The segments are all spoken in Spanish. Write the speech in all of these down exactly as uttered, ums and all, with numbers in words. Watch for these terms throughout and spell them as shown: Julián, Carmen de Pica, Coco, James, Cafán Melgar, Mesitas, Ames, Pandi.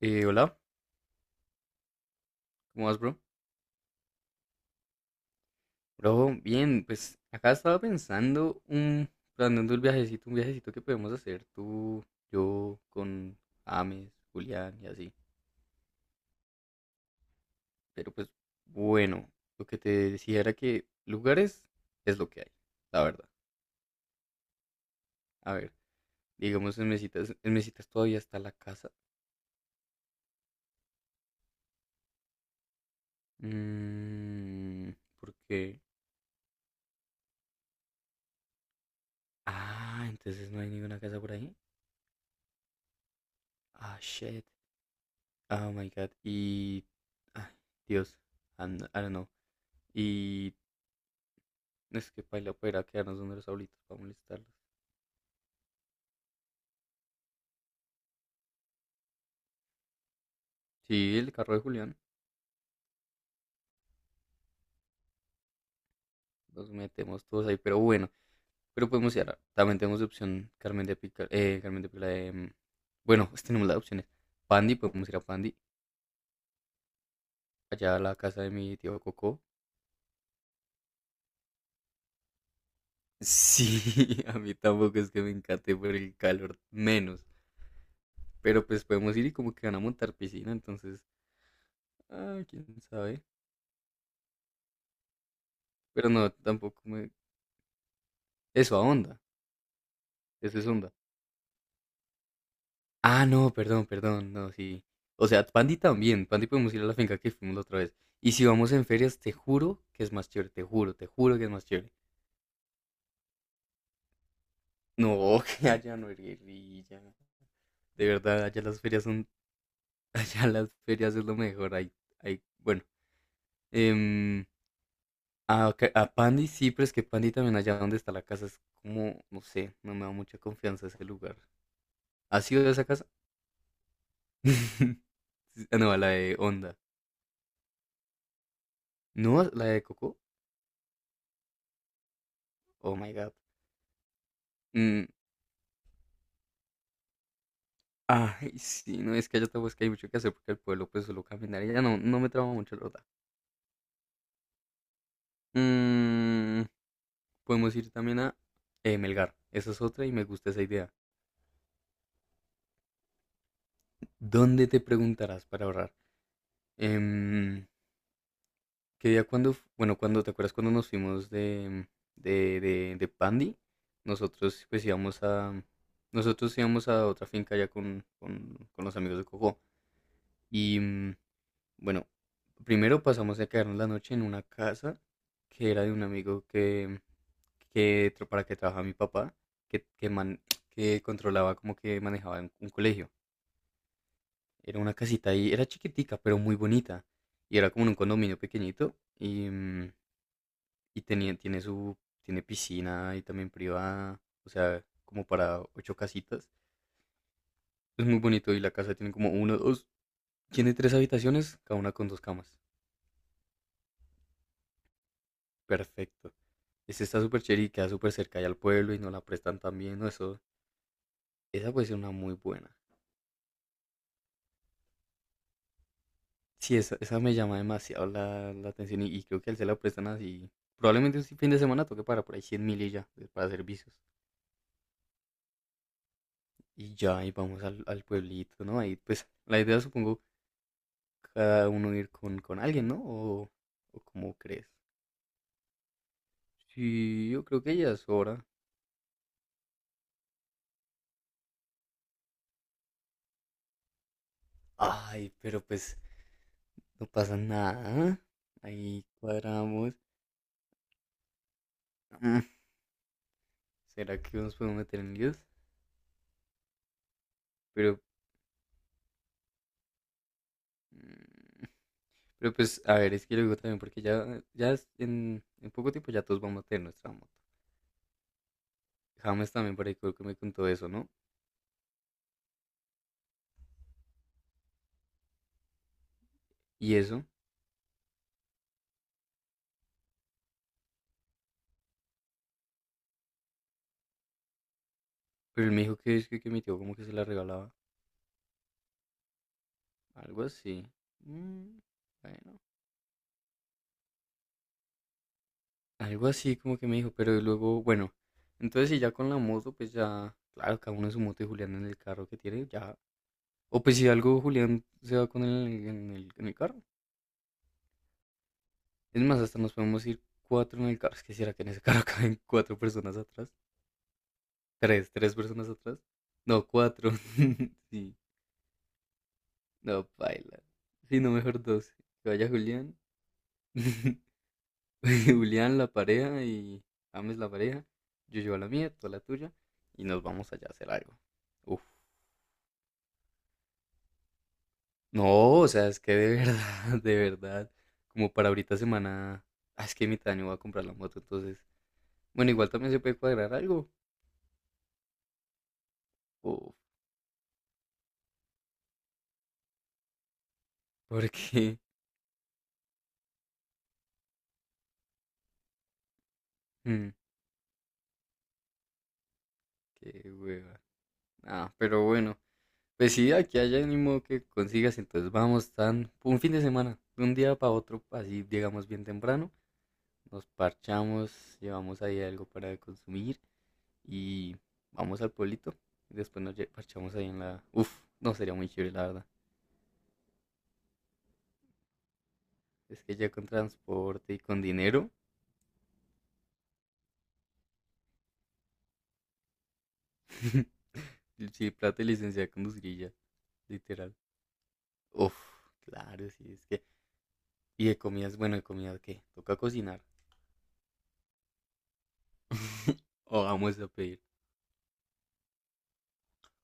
Eh, hola, ¿cómo vas, bro? Bro, bien, pues acá estaba pensando un, planeando el viajecito, un viajecito que podemos hacer tú, yo, con Ames, Julián y así. Pero pues bueno, lo que te decía era que lugares es lo que hay, la verdad. A ver, digamos en Mesitas, en Mesitas todavía está la casa. Mm, ¿por qué? Ah, entonces no hay ninguna casa por ahí. Ah, shit. Oh my god. Y, ay, Dios, and- I don't know. Y es que paila poder quedarnos donde los abuelitos para molestarlos. Sí, el carro de Julián, los metemos todos ahí, pero bueno, pero podemos ir. a- También tenemos de opción Carmen de Pica, eh, Carmen de Pica, em, bueno, pues tenemos las opciones. Pandi, podemos ir a Pandi, allá a la casa de mi tío Coco. Sí, a mí tampoco es que me encante por el calor, menos. Pero pues podemos ir y como que van a montar piscina, entonces, ah, quién sabe. Pero no, tampoco me... Eso, a onda, eso es onda. Ah, no, perdón, perdón, no, sí. O sea, Pandi también, Pandi podemos ir a la finca que fuimos la otra vez. Y si vamos en ferias, te juro que es más chévere, te juro, te juro que es más chévere. No, que allá no es guerrilla. De verdad, allá las ferias son, allá las ferias es lo mejor. Ahí, ahí, bueno, em, a, ca- a Pandi sí, pero es que Pandi también allá donde está la casa es como, no sé, no me da mucha confianza ese lugar. ¿Has ido a esa casa? Ah, no, a la de Onda. ¿No? ¿La de Coco? Oh my God. Mm. Ay, sí, no, es que allá tampoco es que hay mucho que hacer porque el pueblo pues solo caminar y ya no, no me traba mucho, la verdad. Mm, podemos ir también a eh, Melgar, esa es otra y me gusta esa idea. ¿Dónde te preguntarás para ahorrar? Em, ¿qué día cuando, f- bueno, cuando, te acuerdas cuando nos fuimos de, de, de, de Pandi? Nosotros pues íbamos a, nosotros íbamos a otra finca allá con, con, con los amigos de Coco y... mm, bueno, primero pasamos a quedarnos la noche en una casa que era de un amigo que, que tra- para que trabajaba mi papá, que, que, man- que controlaba como que manejaba un, un colegio. Era una casita ahí, era chiquitica, pero muy bonita. Y era como en un condominio pequeñito y, mm, y tenía, tiene su, tiene piscina y también privada, o sea, como para ocho casitas. Es muy bonito y la casa tiene como uno, dos, tiene tres habitaciones, cada una con dos camas. Perfecto. Ese está súper chévere y queda súper cerca allá al pueblo y no la prestan también, ¿no? Eso, esa puede ser una muy buena. Sí, esa, esa me llama demasiado la, la atención y, y creo que él se la prestan así. Probablemente un si, fin de semana toque para por ahí cien mil y ya, de- para servicios. Y ya, y vamos al, al pueblito, ¿no? Ahí, pues, la idea supongo cada uno ir con, con alguien, ¿no? O, o cómo crees. Sí, yo creo que ya es hora. Ay, pero pues, no pasa nada, ¿eh? Ahí cuadramos. Mm. ¿Será que nos podemos meter en líos? Pero mm, pero pues, a ver, es que luego también, porque ya, ya es- en, en poco tiempo ya todos vamos a tener nuestra moto. James también por ahí creo que me contó eso, ¿no? Y eso, pero él me dijo que, es que, que mi tío como que se la regalaba. Algo así. Mm, bueno. Algo así como que me dijo, pero luego, bueno. Entonces, si ya con la moto, pues ya, claro, cada uno en su moto y Julián en el carro que tiene, ya. O pues si algo, Julián se va con él en en el, en el carro. Es más, hasta nos podemos ir cuatro en el carro. Es que si que en ese carro caben cuatro personas atrás. Tres, tres personas atrás. No, cuatro. Sí, no, baila. Sí, no, mejor dos. Que vaya Julián. Julián, la pareja y James, la pareja. Yo llevo la mía, tú la tuya. Y nos vamos allá a hacer algo. Uf. No, o sea, es que de verdad, de verdad. Como para ahorita semana. Ah, es que mi año va a comprar la moto, entonces. Bueno, igual también se puede cuadrar algo. Uf, porque. mm, qué hueva. Ah, pero bueno. Pues sí, aquí hay ánimo que consigas, entonces vamos tan un fin de semana, de un día para otro, así llegamos bien temprano, nos parchamos, llevamos ahí algo para consumir y vamos al pueblito. Y después nos lle- parchamos ahí en la... Uf, no sería muy chévere, la verdad. Es que ya con transporte y con dinero, y sí, plata y licencia de conducir y ya, literal. Uf, claro, sí, es que... Y de comidas, bueno, de comida, ¿qué? Toca cocinar. O vamos a pedir.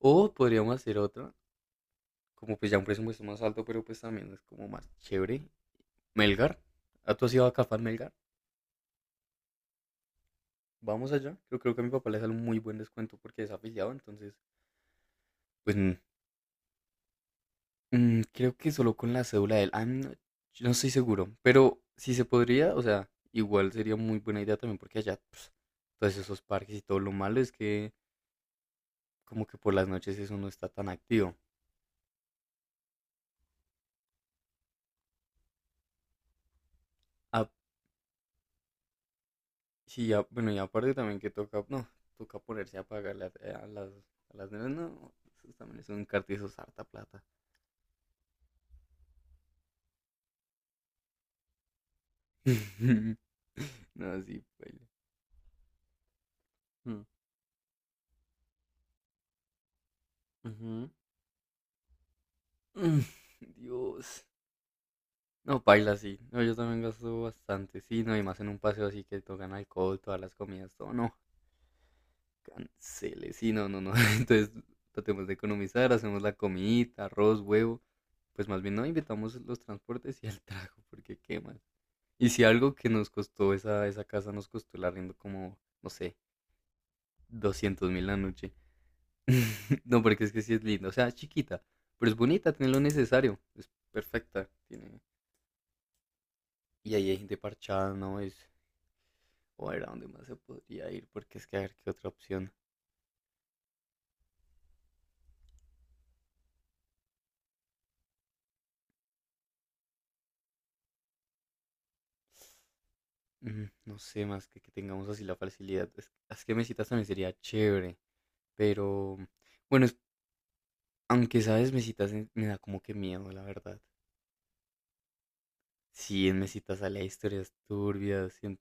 O podríamos hacer otra como pues ya un presupuesto más alto, pero pues también es como más chévere. Melgar, ¿ah, ¿tú has ido a Cafán Melgar? Vamos allá. Yo creo que a mi papá le sale un muy buen descuento porque es afiliado, entonces, pues mm, mm, creo que solo con la cédula de él. Ah, no, yo no estoy seguro, pero si se podría, o sea, igual sería muy buena idea también porque allá, pues, todos esos parques y todo lo malo es que como que por las noches eso no está tan activo. Ah, sí, ya, bueno, y aparte también que toca, no, toca ponerse a pagarle a, a las, a las nenas, no, eso también es un cartizo harta plata. No, sí, paila. Mm, ujú. Mm, Dios. No, paila, sí. No, yo también gasto bastante, sí, no, y más en un paseo así que tocan alcohol, todas las comidas, todo, no, cancele, sí, no, no, no. Entonces, tratemos de economizar, hacemos la comidita, arroz, huevo, pues más bien no invitamos los transportes y el trago, porque qué más. Y si algo que nos costó esa, esa casa, nos costó el arriendo como, no sé, doscientos mil la noche. No, porque es que sí es lindo. O sea, es chiquita, pero es bonita, tiene lo necesario. Es perfecta. Tiene... Y ahí hay gente parchada, ¿no? Es... O a ver, ¿a dónde más se podría ir? Porque es que a ver qué otra opción. Mm, No sé, más que que tengamos así la facilidad. Es, es que mesitas también sería chévere. Pero, bueno, es- aunque sabes, mesitas en- me da como que miedo, la verdad. Sí, en mesitas sale historias turbias. Y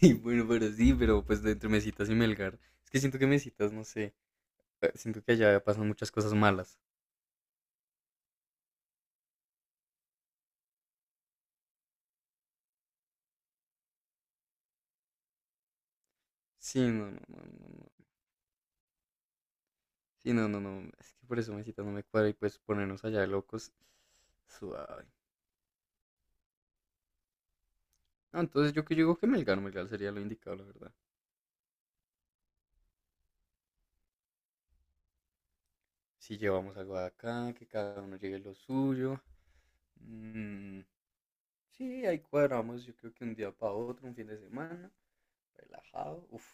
y bueno, pero sí, pero pues de- entre Mesitas y Melgar. Es que siento que Mesitas, no sé. eh, Siento que allá pasan muchas cosas malas. Sí, no, no, no, no, no. Sí, no, no, no. Es que por eso Mesitas no me cuadra y pues ponernos allá de locos. Suave. No, entonces yo que yo digo que Melgar, Melgar sería lo indicado, la verdad. Si llevamos algo de acá, que cada uno llegue lo suyo. Mm, sí, ahí cuadramos, yo creo que un día para otro, un fin de semana, relajado. Uf.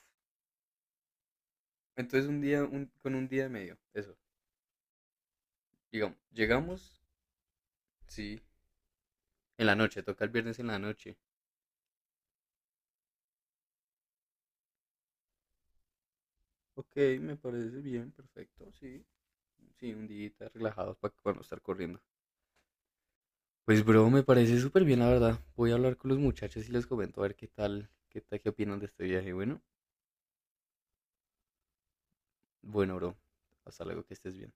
Entonces un día, un- con un día de medio, eso. Digamos, llegamos, sí, en la noche, toca el viernes en la noche. Ok, me parece bien, perfecto, sí. Sí, un día relajados para no estar corriendo. Pues, bro, me parece súper bien, la verdad. Voy a hablar con los muchachos y les comento a ver qué tal, qué tal, qué opinan de este viaje. Bueno, bueno, bro. Hasta luego, que estés bien.